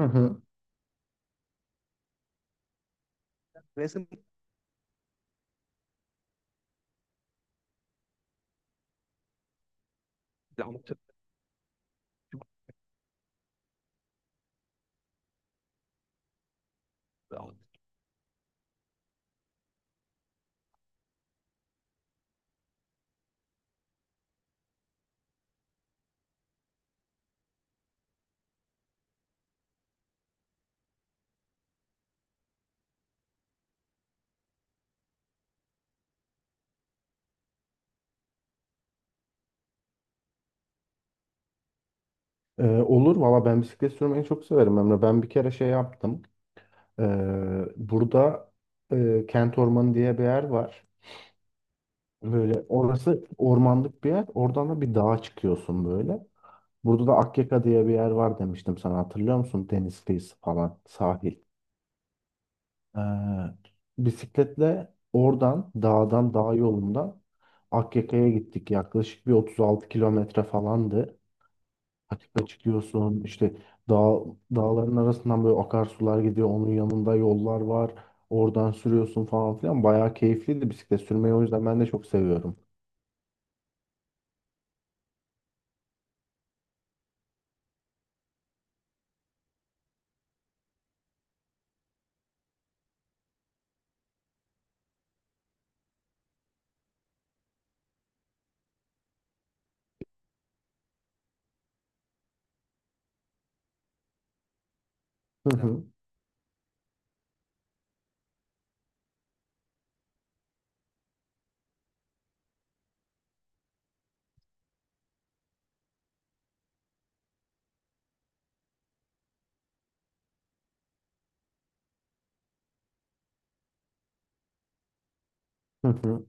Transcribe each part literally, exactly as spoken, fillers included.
Hı hı. Resim anlatır. Ee, olur valla, ben bisiklet sürmeyi çok severim Emre. Ben bir kere şey yaptım. Ee, burada e, Kent Ormanı diye bir yer var. Böyle orası ormanlık bir yer. Oradan da bir dağa çıkıyorsun böyle. Burada da Akyaka diye bir yer var, demiştim sana, hatırlıyor musun? Deniz kıyısı falan, sahil. Ee, Bisikletle oradan dağdan, dağ yolundan Akyaka'ya gittik. Yaklaşık bir otuz altı kilometre falandı. Patika çıkıyorsun, işte dağ, dağların arasından böyle akarsular gidiyor, onun yanında yollar var, oradan sürüyorsun falan filan. Bayağı keyifliydi, bisiklet sürmeyi o yüzden ben de çok seviyorum. Hı, evet. Hı, hı hı.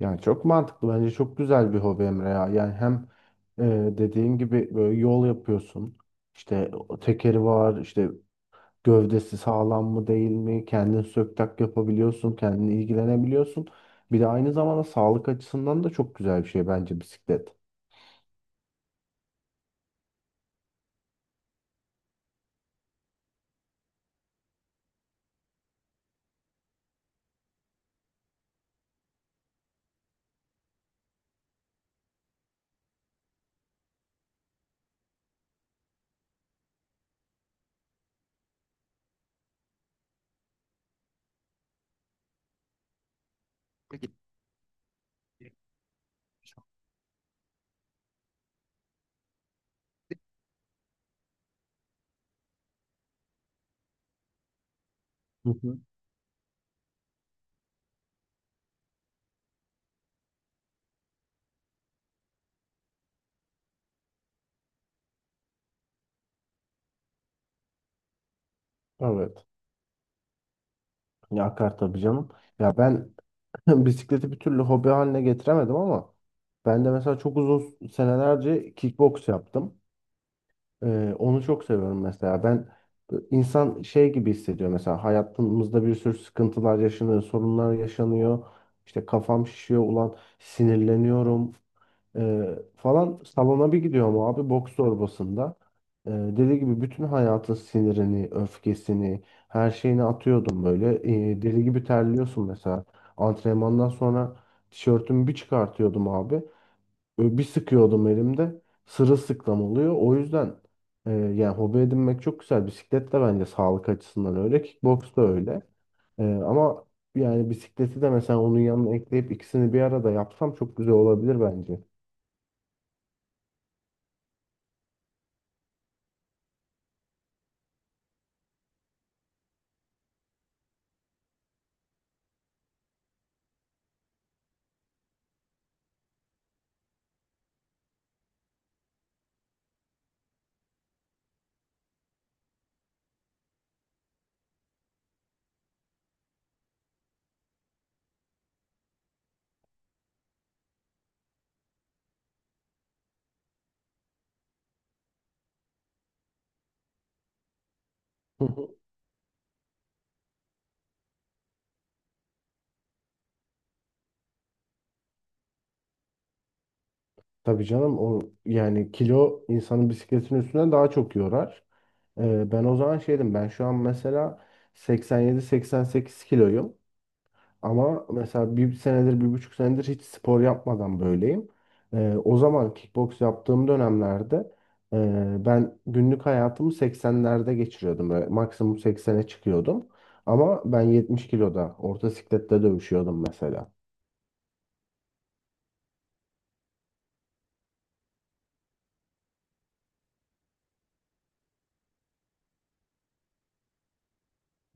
Yani çok mantıklı, bence çok güzel bir hobi Emre ya. Yani hem e, dediğin gibi böyle yol yapıyorsun, işte o tekeri var, işte gövdesi sağlam mı değil mi, kendin sök tak yapabiliyorsun, kendin ilgilenebiliyorsun, bir de aynı zamanda sağlık açısından da çok güzel bir şey bence bisiklet. Peki. Hı hı. Evet. Ya akar tabii canım. Ya ben bisikleti bir türlü hobi haline getiremedim ama ben de mesela çok uzun senelerce kickbox yaptım. Ee, onu çok seviyorum mesela. Ben, insan şey gibi hissediyor mesela, hayatımızda bir sürü sıkıntılar yaşanıyor, sorunlar yaşanıyor. İşte kafam şişiyor, ulan sinirleniyorum. Ee, falan salona bir gidiyorum abi, boks torbasında. Ee, deli gibi bütün hayatın sinirini, öfkesini, her şeyini atıyordum böyle. Ee, deli gibi terliyorsun mesela. Antrenmandan sonra tişörtümü bir çıkartıyordum abi. Böyle bir sıkıyordum elimde. Sırılsıklam oluyor. O yüzden e, yani hobi edinmek çok güzel. Bisiklet de bence sağlık açısından öyle. Kickboks da öyle. Ee, ama yani bisikleti de mesela onun yanına ekleyip ikisini bir arada yapsam çok güzel olabilir bence. Tabii canım, o yani kilo, insanın bisikletin üstünden daha çok yorar. Ee, ben o zaman şeydim, ben şu an mesela seksen yedi seksen sekiz kiloyum. Ama mesela bir senedir, bir buçuk senedir hiç spor yapmadan böyleyim. Ee, o zaman kickbox yaptığım dönemlerde e, ben günlük hayatımı seksenlerde geçiriyordum. Böyle maksimum seksene çıkıyordum. Ama ben yetmiş kiloda orta siklette dövüşüyordum mesela.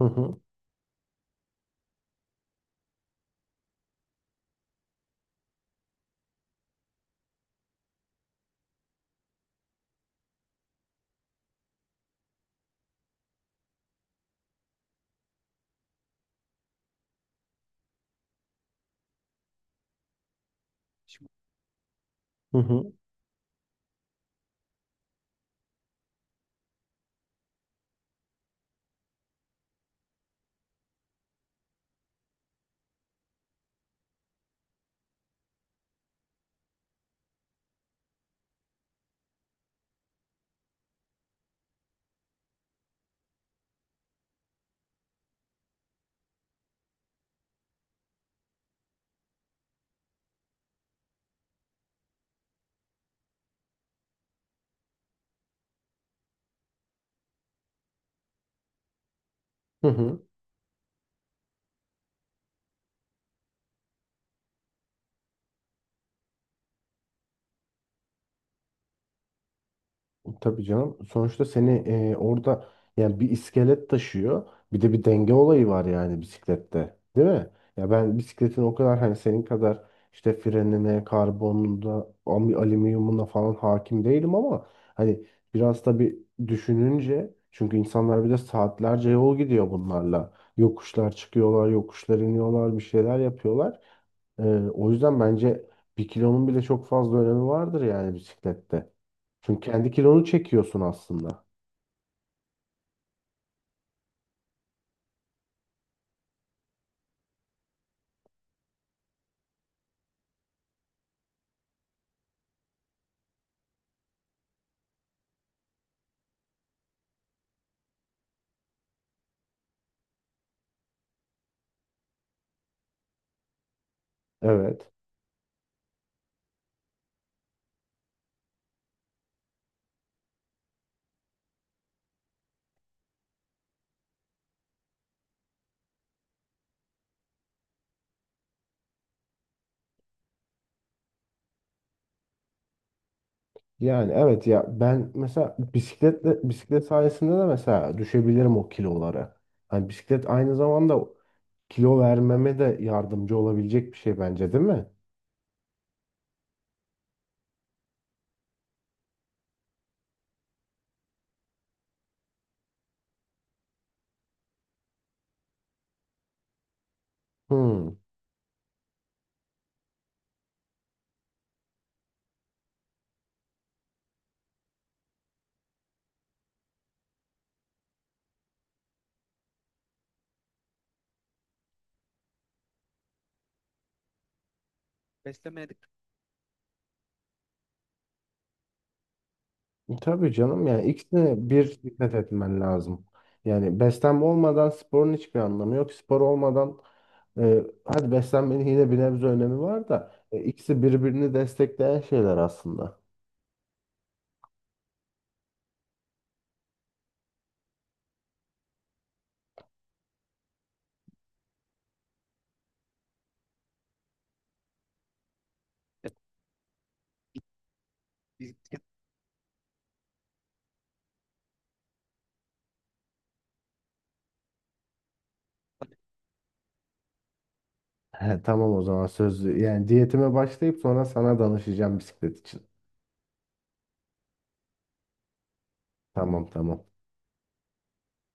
Hı hı. Hı hı. Hı hı. Tabii canım. Sonuçta seni e, orada yani bir iskelet taşıyor. Bir de bir denge olayı var yani bisiklette, değil mi? Ya ben bisikletin o kadar, hani senin kadar işte frenine, karbonuna, am- alüminyumuna falan hakim değilim ama hani biraz da bir düşününce, çünkü insanlar bir de saatlerce yol gidiyor bunlarla. Yokuşlar çıkıyorlar, yokuşlar iniyorlar, bir şeyler yapıyorlar. Ee, O yüzden bence bir kilonun bile çok fazla önemi vardır yani bisiklette. Çünkü kendi kilonu çekiyorsun aslında. Evet. Yani evet ya, ben mesela bisikletle, bisiklet sayesinde de mesela düşebilirim o kilolara. Hani bisiklet aynı zamanda kilo vermeme de yardımcı olabilecek bir şey bence, değil mi? Hmm. E, tabii canım, yani ikisine bir dikkat etmen lazım. Yani beslenme olmadan sporun hiçbir anlamı yok. Spor olmadan e, hadi beslenmenin yine bir nebze önemi var da e, ikisi birbirini destekleyen şeyler aslında. He, tamam, o zaman söz, yani diyetime başlayıp sonra sana danışacağım bisiklet için. Tamam tamam.